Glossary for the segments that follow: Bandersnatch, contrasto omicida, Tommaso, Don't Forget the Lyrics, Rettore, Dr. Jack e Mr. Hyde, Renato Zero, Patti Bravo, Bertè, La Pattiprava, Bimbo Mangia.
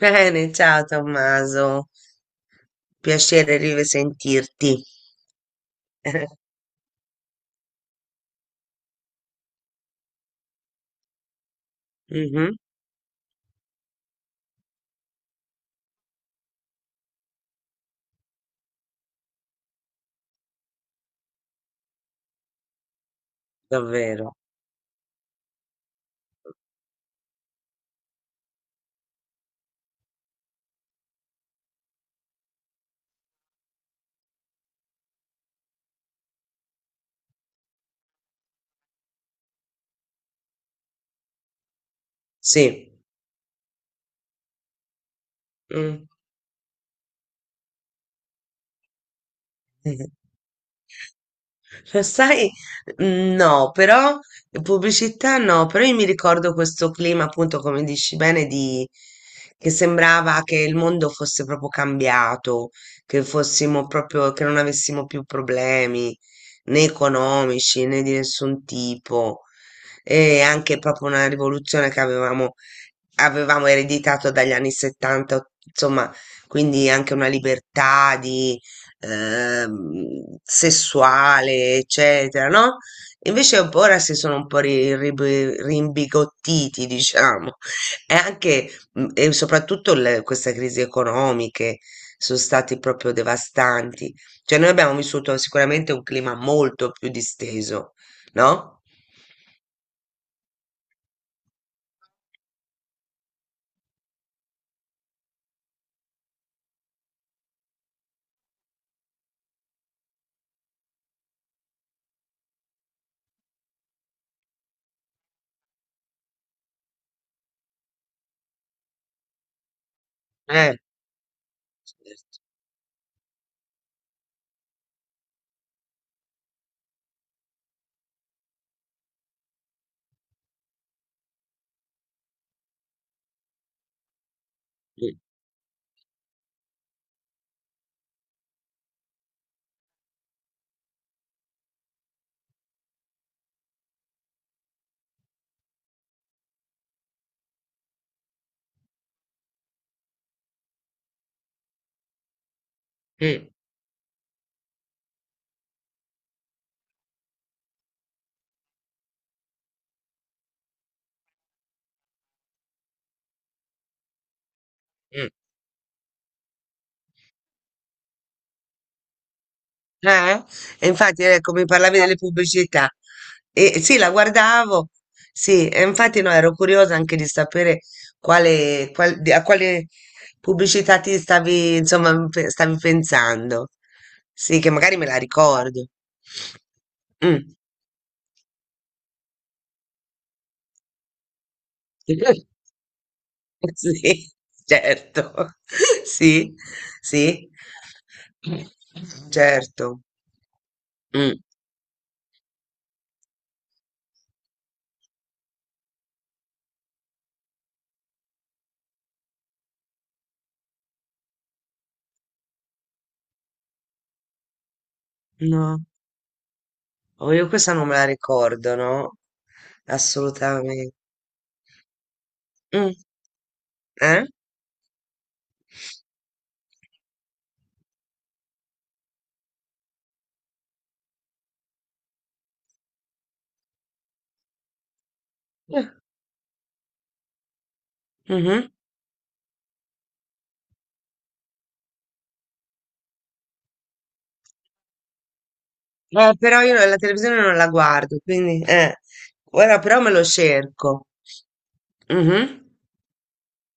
Bene, ciao Tommaso, piacere di risentirti. Mhm, davvero, sì. Mm. Lo sai, no, però pubblicità no, però io mi ricordo questo clima, appunto, come dici bene, di, che sembrava che il mondo fosse proprio cambiato, che fossimo proprio, che non avessimo più problemi né economici né di nessun tipo, e anche proprio una rivoluzione che avevamo ereditato dagli anni 70, insomma, quindi anche una libertà di, sessuale, eccetera, no? Invece un po' ora si sono un po' rimbigottiti, diciamo. E anche e soprattutto queste crisi economiche sono stati proprio devastanti. Cioè, noi abbiamo vissuto sicuramente un clima molto più disteso, no? Eh, certo. Mm, mm, mm. Eh? E infatti, ecco, mi parlavi delle pubblicità. E sì, la guardavo, sì, e infatti no, ero curiosa anche di sapere a quale pubblicità ti stavi, insomma, stavi pensando. Sì, che magari me la ricordo. Mm. Sì, certo. Sì, sì, certo. Mm. No. Oh, io questa non me la ricordo, no? Assolutamente. Mm, eh? Eh, mhm. Però io la televisione non la guardo, quindi.... Ora però me lo cerco. Mhm.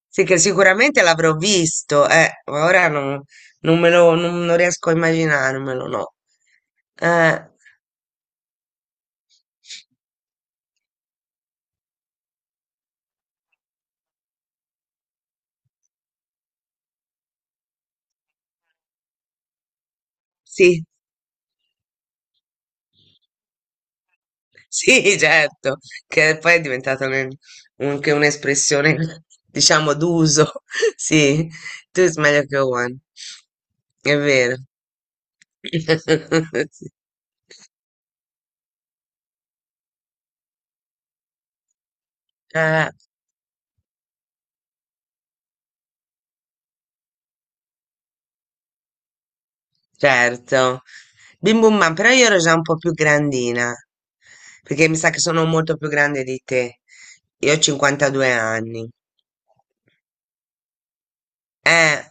Sì, che sicuramente l'avrò visto, ma ora non, non riesco a immaginarmelo, no. Eh, sì. Sì, certo, che poi è diventata anche un'espressione, diciamo, d'uso. Sì, tu is meglio che one. È vero. Sì. Ah, certo. Bim bum bam, però io ero già un po' più grandina, perché mi sa che sono molto più grande di te. Io ho 52 anni. Eh,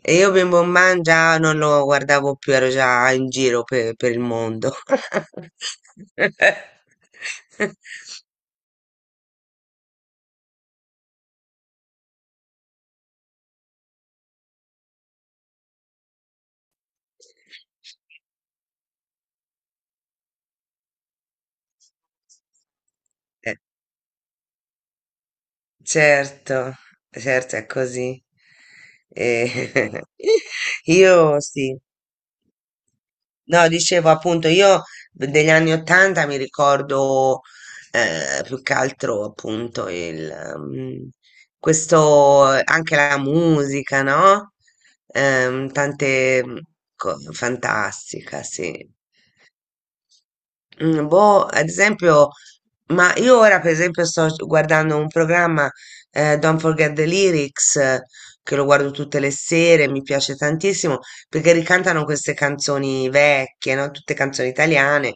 e io Bimbo Mangia non lo guardavo più, ero già in giro per il mondo. Eh, certo, certo è così. Eh, io sì. No, dicevo appunto, io degli anni Ottanta mi ricordo, più che altro appunto il, mm, questo, anche la musica, no? Tante mm, fantastica, sì. Mm, boh, ad esempio, ma io ora per esempio sto guardando un programma, Don't Forget the Lyrics, che lo guardo tutte le sere, mi piace tantissimo, perché ricantano queste canzoni vecchie, no? Tutte canzoni italiane.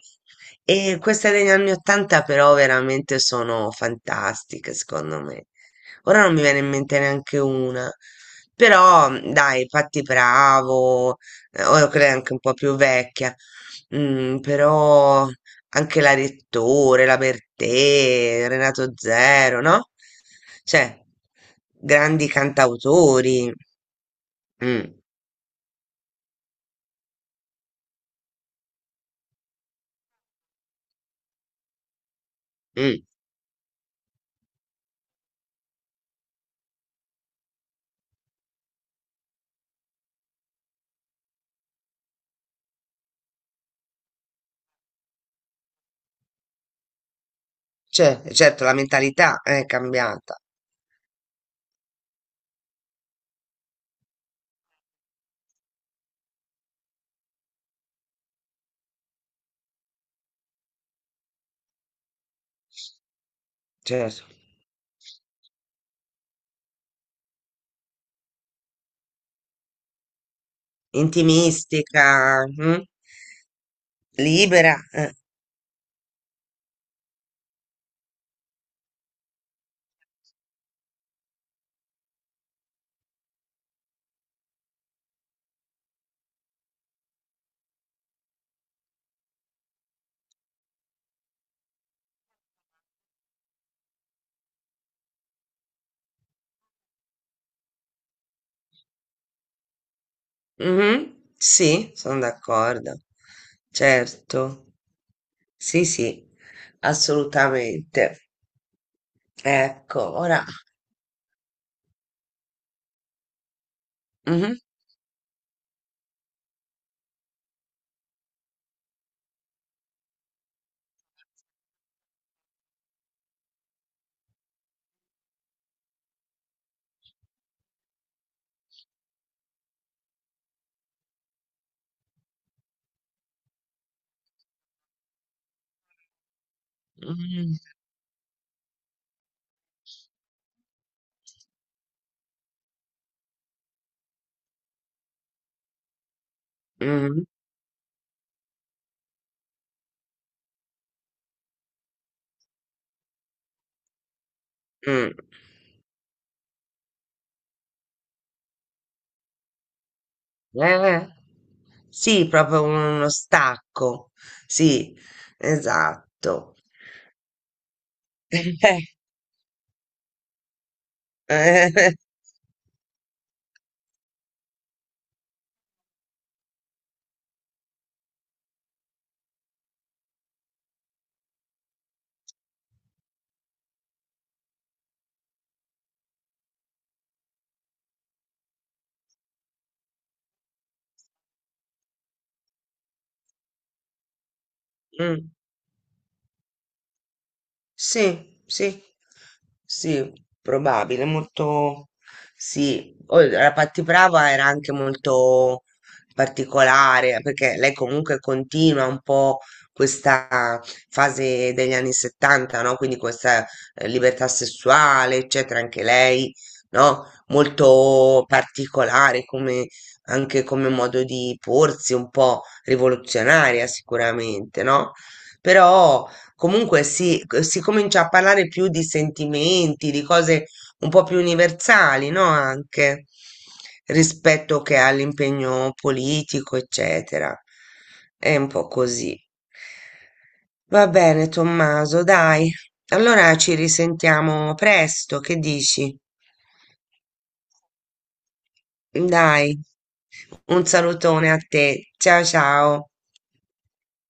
E queste degli anni 80 però veramente sono fantastiche, secondo me. Ora non mi viene in mente neanche una. Però, mm, dai, Patti Bravo, ora quella è anche un po' più vecchia. Mm, però anche la Rettore, la Bertè, Renato Zero, no? Cioè, grandi cantautori. Mm, mm. Cioè, certo, la mentalità è cambiata, certo. Intimistica, mm, libera. Eh, mhm, sì, sono d'accordo. Certo. Sì, sì, assolutamente. Ecco, ora. Mhm, mhm, mhm, mm. Eh, sì, proprio uno stacco. Sì, esatto. Eh, eh, mm. Sì, sì, sì, probabile, molto sì. Poi La Pattiprava era anche molto particolare perché lei comunque continua un po' questa fase degli anni 70, no? Quindi questa, libertà sessuale, eccetera, anche lei, no? Molto particolare come anche come modo di porsi, un po' rivoluzionaria sicuramente, no? Però comunque si, si comincia a parlare più di sentimenti, di cose un po' più universali, no? Anche rispetto che all'impegno politico, eccetera. È un po' così. Va bene, Tommaso, dai. Allora ci risentiamo presto, che dici? Dai, un salutone a te. Ciao ciao.